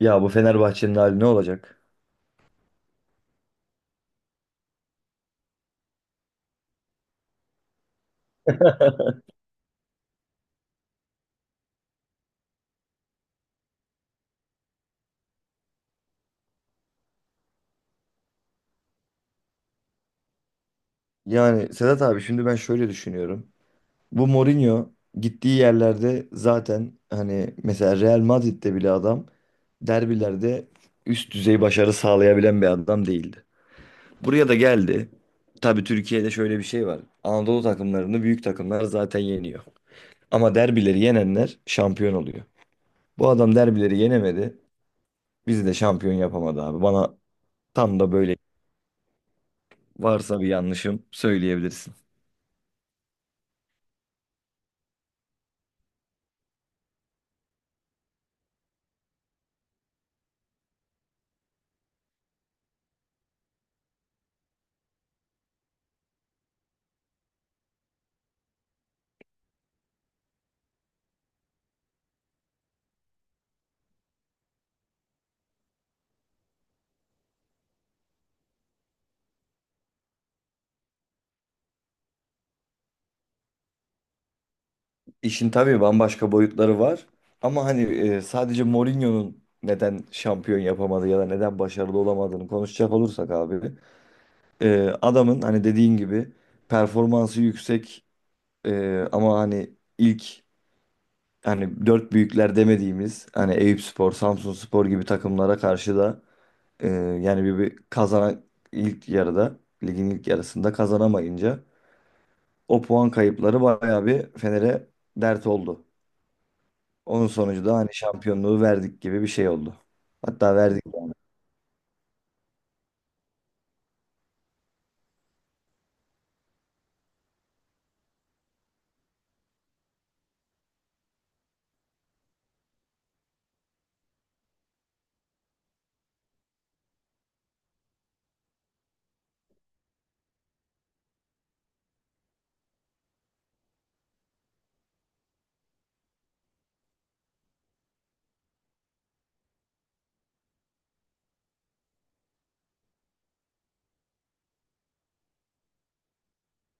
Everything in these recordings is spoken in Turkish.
Ya bu Fenerbahçe'nin hali ne olacak? Yani Sedat abi şimdi ben şöyle düşünüyorum. Bu Mourinho gittiği yerlerde zaten hani mesela Real Madrid'de bile adam derbilerde üst düzey başarı sağlayabilen bir adam değildi. Buraya da geldi. Tabii Türkiye'de şöyle bir şey var. Anadolu takımlarını büyük takımlar zaten yeniyor. Ama derbileri yenenler şampiyon oluyor. Bu adam derbileri yenemedi. Bizi de şampiyon yapamadı abi. Bana tam da böyle varsa bir yanlışım söyleyebilirsin. İşin tabii bambaşka boyutları var. Ama hani sadece Mourinho'nun neden şampiyon yapamadı ya da neden başarılı olamadığını konuşacak olursak abi. Adamın hani dediğin gibi performansı yüksek, ama hani ilk hani dört büyükler demediğimiz hani Eyüpspor, Samsunspor gibi takımlara karşı da e, yani bir kazanan ilk yarıda ligin ilk yarısında kazanamayınca o puan kayıpları bayağı bir Fener'e dert oldu. Onun sonucu da hani şampiyonluğu verdik gibi bir şey oldu. Hatta verdik yani.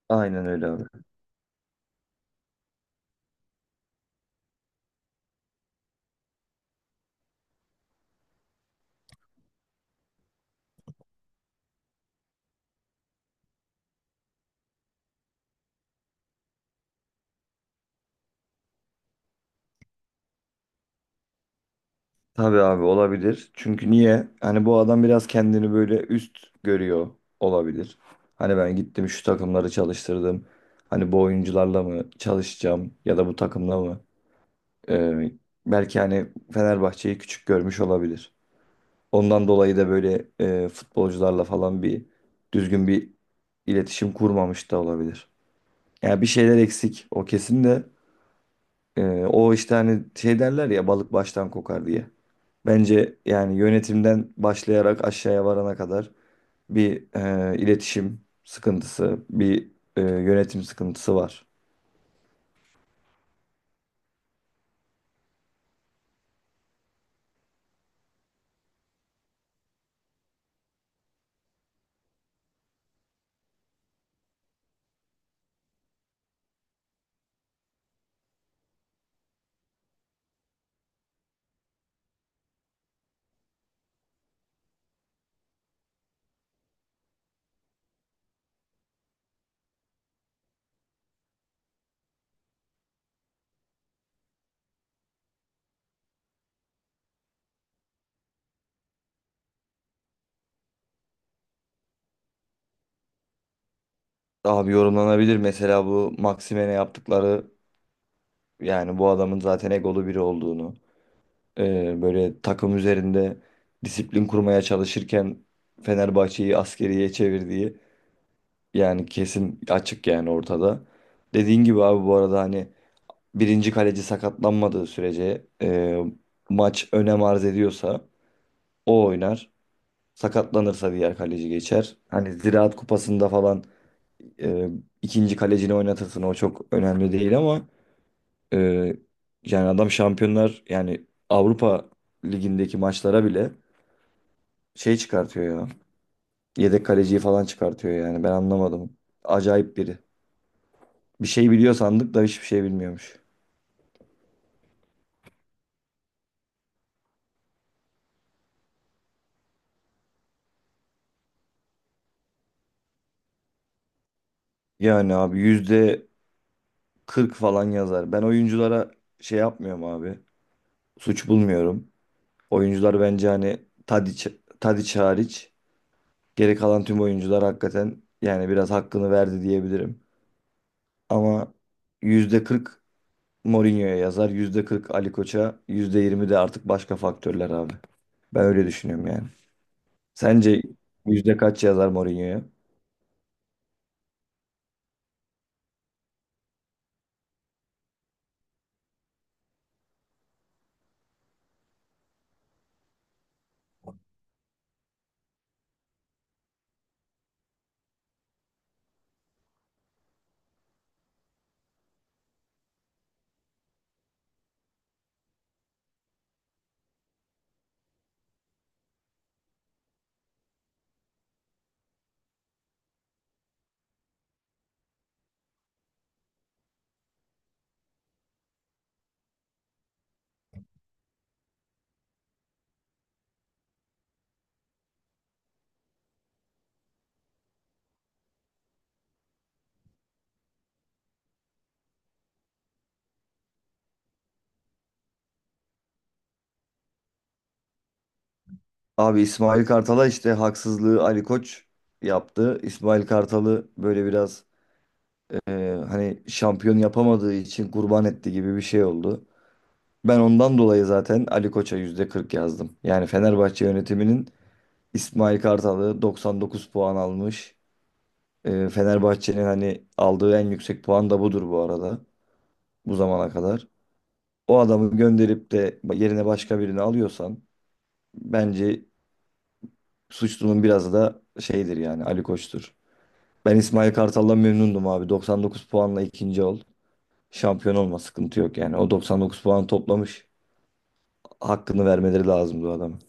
Aynen öyle abi. Tabii abi olabilir. Çünkü niye? Hani bu adam biraz kendini böyle üst görüyor olabilir. Hani ben gittim şu takımları çalıştırdım. Hani bu oyuncularla mı çalışacağım ya da bu takımla mı? Ee, Belki hani Fenerbahçe'yi küçük görmüş olabilir. Ondan dolayı da böyle futbolcularla falan bir düzgün bir iletişim kurmamış da olabilir. Yani bir şeyler eksik o kesin de. Ee, O işte hani şey derler ya balık baştan kokar diye. Bence yani yönetimden başlayarak aşağıya varana kadar bir iletişim sıkıntısı, bir yönetim sıkıntısı var. Abi yorumlanabilir, mesela bu Maximen'e yaptıkları yani bu adamın zaten egolu biri olduğunu, böyle takım üzerinde disiplin kurmaya çalışırken Fenerbahçe'yi askeriye çevirdiği yani kesin, açık yani ortada. Dediğin gibi abi, bu arada hani birinci kaleci sakatlanmadığı sürece, maç önem arz ediyorsa o oynar. Sakatlanırsa diğer kaleci geçer. Hani Ziraat Kupası'nda falan e, ikinci kalecini oynatırsın, o çok önemli değil, ama e, yani adam şampiyonlar yani Avrupa Ligi'ndeki maçlara bile şey çıkartıyor ya. Yedek kaleciyi falan çıkartıyor yani ben anlamadım. Acayip biri. Bir şey biliyor sandık da hiçbir şey bilmiyormuş. Yani abi yüzde 40 falan yazar. Ben oyunculara şey yapmıyorum abi. Suç bulmuyorum. Oyuncular bence hani Tadiç, Tadiç hariç geri kalan tüm oyuncular hakikaten yani biraz hakkını verdi diyebilirim. Ama %40 Mourinho'ya yazar, %40 Ali Koç'a, %20 de artık başka faktörler abi. Ben öyle düşünüyorum yani. Sence yüzde kaç yazar Mourinho'ya? Abi İsmail Kartal'a işte haksızlığı Ali Koç yaptı. İsmail Kartal'ı böyle biraz, e, hani şampiyon yapamadığı için kurban etti gibi bir şey oldu. Ben ondan dolayı zaten Ali Koç'a %40 yazdım. Yani Fenerbahçe yönetiminin İsmail Kartal'ı 99 puan almış. E, Fenerbahçe'nin hani aldığı en yüksek puan da budur bu arada, bu zamana kadar. O adamı gönderip de yerine başka birini alıyorsan bence suçlunun biraz da şeydir yani Ali Koç'tur. Ben İsmail Kartal'dan memnundum abi. 99 puanla ikinci oldu. Şampiyon olma sıkıntı yok yani. O 99 puan toplamış. Hakkını vermeleri lazım bu adamın.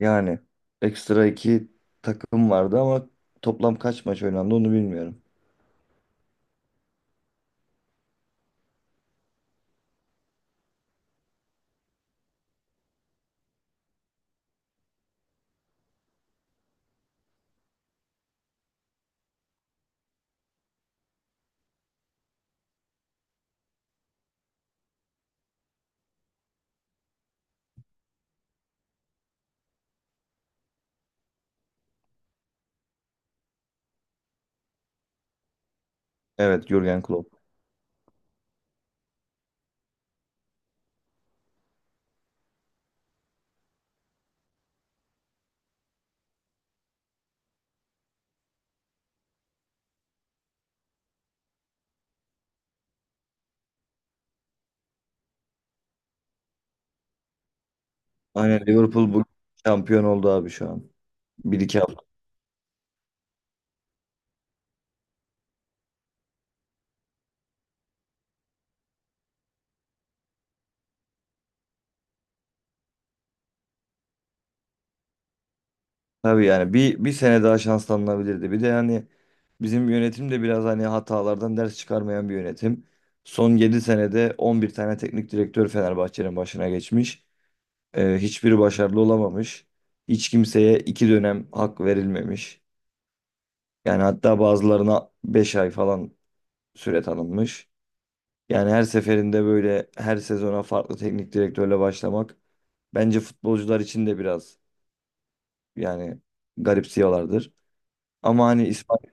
Yani ekstra iki takım vardı ama toplam kaç maç oynandı onu bilmiyorum. Evet, Jürgen Klopp. Aynen, Liverpool bu şampiyon oldu abi şu an. Bir iki hafta. Tabii yani bir sene daha şanslanılabilirdi. Bir de yani bizim yönetim de biraz hani hatalardan ders çıkarmayan bir yönetim. Son 7 senede 11 tane teknik direktör Fenerbahçe'nin başına geçmiş. Hiçbiri başarılı olamamış. Hiç kimseye iki dönem hak verilmemiş. Yani hatta bazılarına 5 ay falan süre tanınmış. Yani her seferinde böyle her sezona farklı teknik direktörle başlamak bence futbolcular için de biraz yani garipsiyorlardır. Ama hani İspanya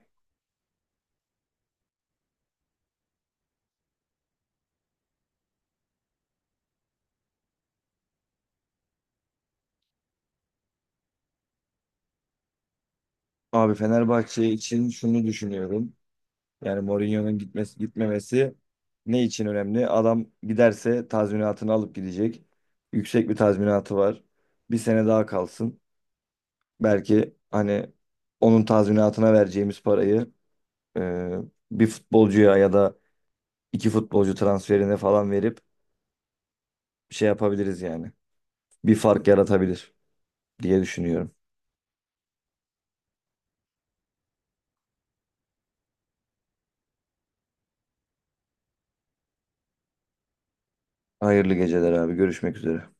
abi Fenerbahçe için şunu düşünüyorum. Yani Mourinho'nun gitmesi gitmemesi ne için önemli? Adam giderse tazminatını alıp gidecek. Yüksek bir tazminatı var. Bir sene daha kalsın. Belki hani onun tazminatına vereceğimiz parayı e, bir futbolcuya ya da iki futbolcu transferine falan verip şey yapabiliriz yani. Bir fark yaratabilir diye düşünüyorum. Hayırlı geceler abi. Görüşmek üzere.